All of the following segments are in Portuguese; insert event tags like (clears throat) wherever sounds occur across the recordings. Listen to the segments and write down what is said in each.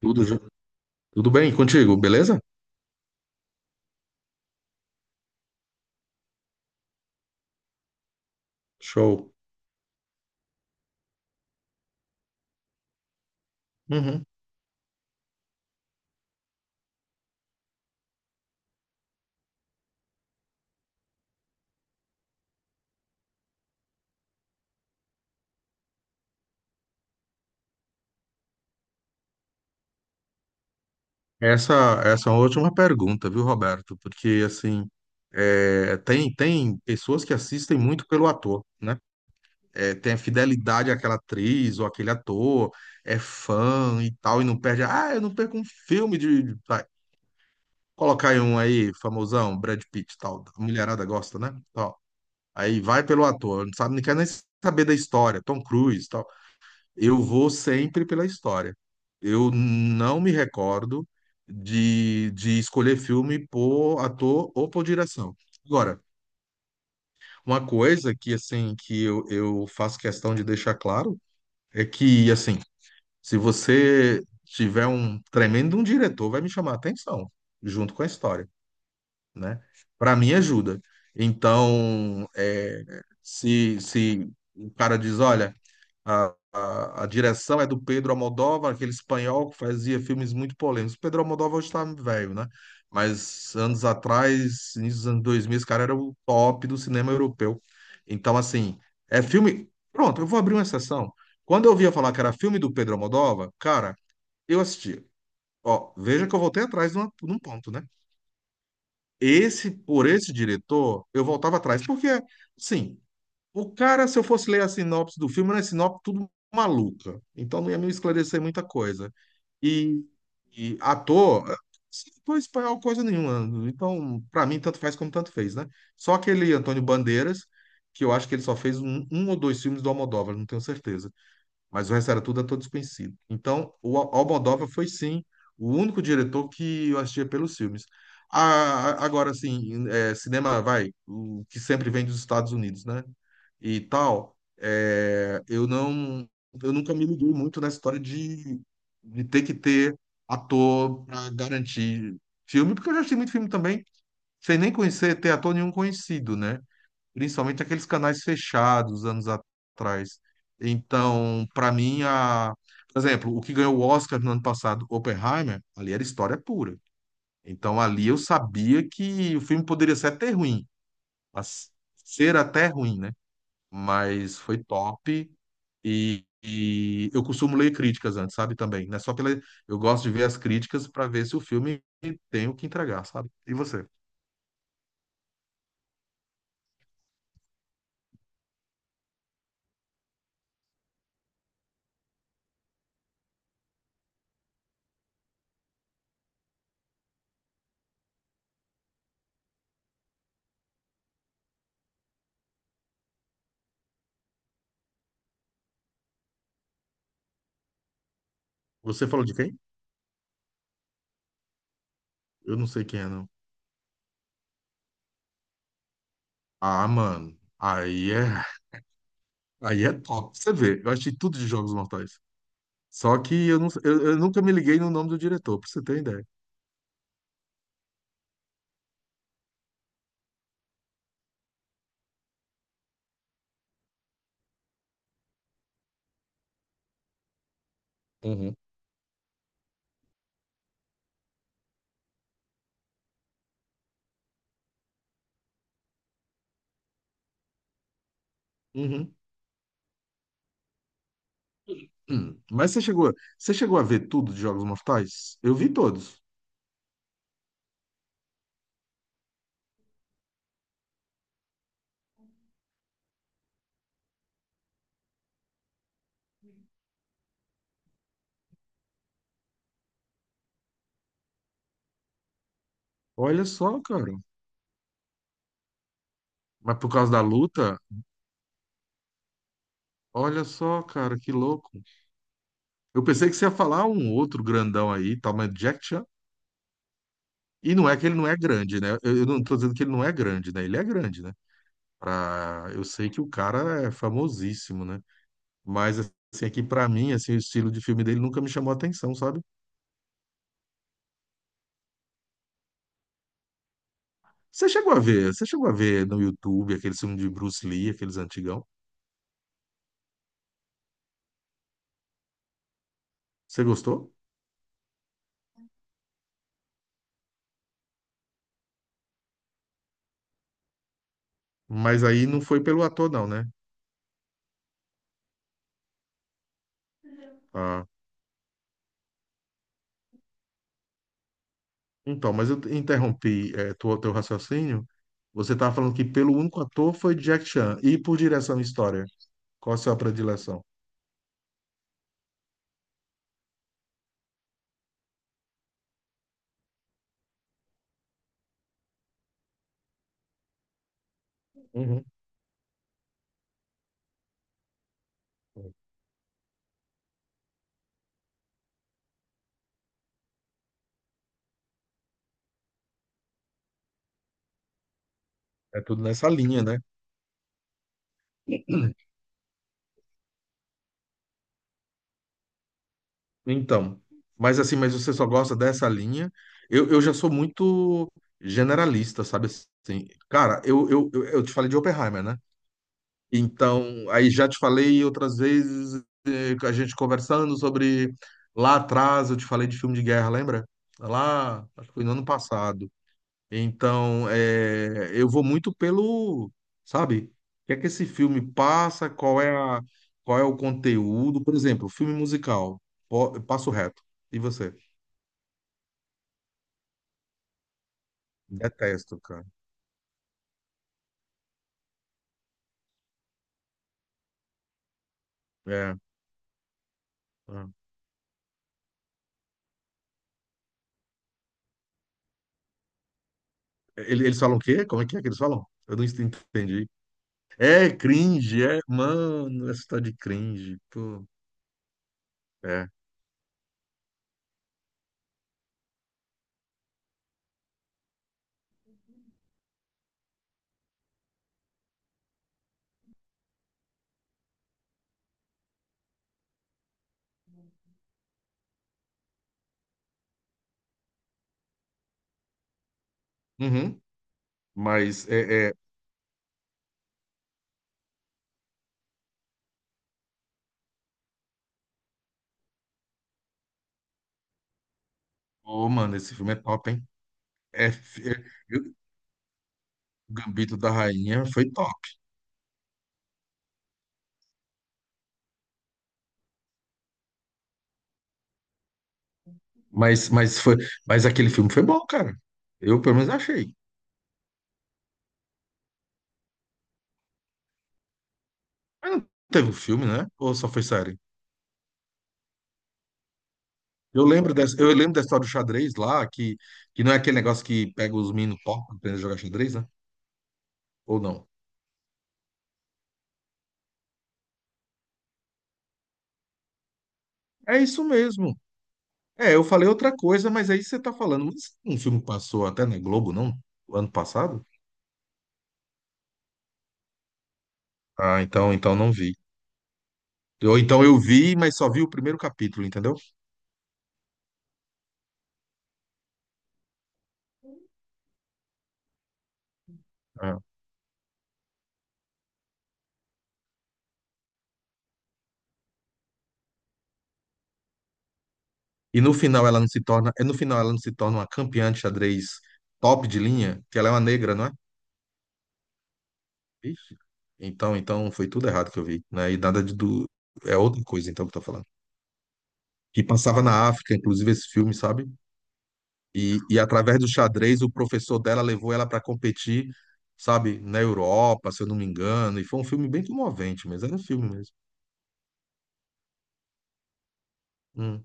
Tudo, jo- Tudo bem contigo, beleza? Show. Uhum. Essa é uma última pergunta, viu, Roberto? Porque, assim, é, tem pessoas que assistem muito pelo ator, né? É, tem a fidelidade àquela atriz ou aquele ator, é fã e tal, e não perde. Ah, eu não perco um filme Vai, colocar aí um aí, famosão, Brad Pitt e tal. A mulherada gosta, né? Tal. Aí vai pelo ator, não sabe, não quer nem saber da história, Tom Cruise, tal. Eu vou sempre pela história. Eu não me recordo de escolher filme por ator ou por direção. Agora, uma coisa que assim que eu faço questão de deixar claro é que assim, se você tiver um tremendo um diretor, vai me chamar a atenção junto com a história, né? Para mim ajuda. Então, é, se o cara diz, olha a direção é do Pedro Almodóvar, aquele espanhol que fazia filmes muito polêmicos. Pedro Almodóvar hoje está velho, né? Mas anos atrás, início dos anos 2000, esse cara era o top do cinema europeu. Então, assim, é filme. Pronto, eu vou abrir uma exceção. Quando eu ouvia falar que era filme do Pedro Almodóvar, cara, eu assistia. Ó, veja que eu voltei atrás de um ponto, né? Esse, por esse diretor, eu voltava atrás, porque, sim, o cara, se eu fosse ler a sinopse do filme, era a sinopse tudo maluca. Então não ia me esclarecer muita coisa. E, e ator, não é espanhol coisa nenhuma. Então, pra mim, tanto faz como tanto fez, né? Só aquele Antônio Bandeiras, que eu acho que ele só fez um ou dois filmes do Almodóvar, não tenho certeza mas o resto era tudo ator desconhecido. Então, o Almodóvar foi sim o único diretor que eu assistia pelos filmes. Agora, assim, é, cinema vai, o que sempre vem dos Estados Unidos, né? E tal, é, eu não, eu nunca me liguei muito na história de ter que ter ator para garantir filme, porque eu já assisti muito filme também, sem nem conhecer, ter ator nenhum conhecido, né? Principalmente aqueles canais fechados anos atrás. Então, para mim, a... Por exemplo, o que ganhou o Oscar no ano passado, Oppenheimer, ali era história pura. Então, ali eu sabia que o filme poderia ser até ruim, mas ser até ruim, né? Mas foi top. E eu costumo ler críticas antes, sabe? Também, né? Só pela. Eu gosto de ver as críticas para ver se o filme tem o que entregar, sabe? E você? Você falou de quem? Eu não sei quem é, não. Ah, mano. Aí é top. Você vê, eu achei tudo de Jogos Mortais. Só que eu, não- eu nunca me liguei no nome do diretor, pra você ter ideia. Uhum. Uhum. (clears throat) Hum. Mas você chegou a ver tudo de Jogos Mortais? Eu vi todos. Olha só, cara. Mas por causa da luta, olha só, cara, que louco. Eu pensei que você ia falar um outro grandão aí, tal, mas Jack Chan. E não é que ele não é grande, né? Eu não tô dizendo que ele não é grande, né? Ele é grande, né? Pra... Eu sei que o cara é famosíssimo, né? Mas assim, aqui pra mim, assim, o estilo de filme dele nunca me chamou a atenção, sabe? Você chegou a ver, você chegou a ver no YouTube aquele filme de Bruce Lee, aqueles antigão? Você gostou? Mas aí não foi pelo ator, não, né? Ah, então, mas eu interrompi é, teu raciocínio. Você estava falando que pelo único ator foi Jack Chan. E por direção e história? Qual a sua predileção? Uhum. É tudo nessa linha, né? Então, mas assim, mas você só gosta dessa linha? Eu já sou muito generalista, sabe assim? Cara, eu te falei de Oppenheimer, né? Então, aí já te falei outras vezes, a gente conversando sobre. Lá atrás eu te falei de filme de guerra, lembra? Lá, acho que foi no ano passado. Então, é, eu vou muito pelo, sabe, o que é que esse filme passa, qual é a, qual é o conteúdo. Por exemplo, filme musical, eu passo reto. E você? Detesto, cara. É, é. Ele- Eles falam o quê? Como é que eles falam? Eu não entendi. É cringe, é, mano, essa tá de cringe, pô. É. Uhum. Mas é, é, ô, mano, esse filme é top, hein? É, eu- Gambito da Rainha foi top. Mas, mas, foi, mas aquele filme foi bom, cara. Eu, pelo menos, achei. Mas não teve um filme, né? Ou só foi série? Eu lembro dessa, eu lembro da história do xadrez lá, que não é aquele negócio que pega os meninos top pra aprender a jogar xadrez, né? Ou não? É isso mesmo. É, eu falei outra coisa, mas aí você tá falando. Mas um filme passou até na Globo, não? O ano passado? Ah, então, então não vi. Ou então eu vi, mas só vi o primeiro capítulo, entendeu? Ah. E no final ela não se torna, no final ela não se torna uma campeã de xadrez top de linha, que ela é uma negra, não é? Ixi. Então, então foi tudo errado que eu vi, né? E nada de do é outra coisa então que eu tô falando. Que passava na África, inclusive esse filme, sabe? E através do xadrez o professor dela levou ela para competir, sabe, na Europa, se eu não me engano, e foi um filme bem comovente, mas era um filme mesmo. Hum,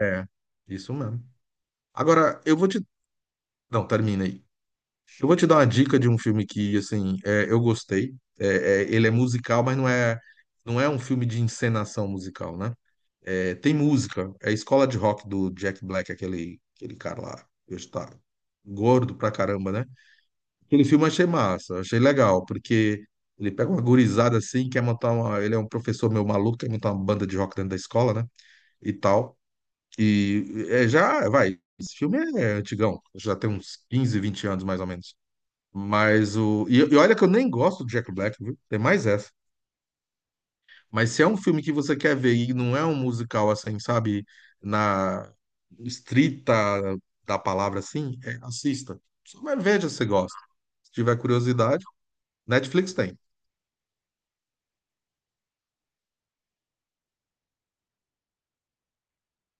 é, isso mesmo. Agora eu vou te, não, termina aí. Eu vou te dar uma dica de um filme que assim, é, eu gostei. Ele é musical, mas não é um filme de encenação musical, né? É, tem música. É a escola de rock do Jack Black, aquele cara lá. Que hoje tá gordo pra caramba, né? Aquele filme eu achei massa, achei legal, porque ele pega uma gurizada assim, quer montar uma. Ele é um professor meio maluco, quer montar uma banda de rock dentro da escola, né? E tal. E é, já, vai. Esse filme é antigão, já tem uns 15 a 20 anos mais ou menos. Mas o. E olha que eu nem gosto do Jack Black, viu? Tem mais essa. Mas se é um filme que você quer ver e não é um musical assim, sabe, na estrita da palavra assim, é, assista. Só vai ver se você gosta. Se tiver curiosidade, Netflix tem.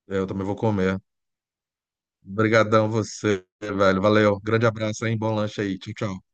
Eu também vou comer. Obrigadão você, velho. Valeu. Grande abraço, hein? Bom lanche aí. Tchau, tchau.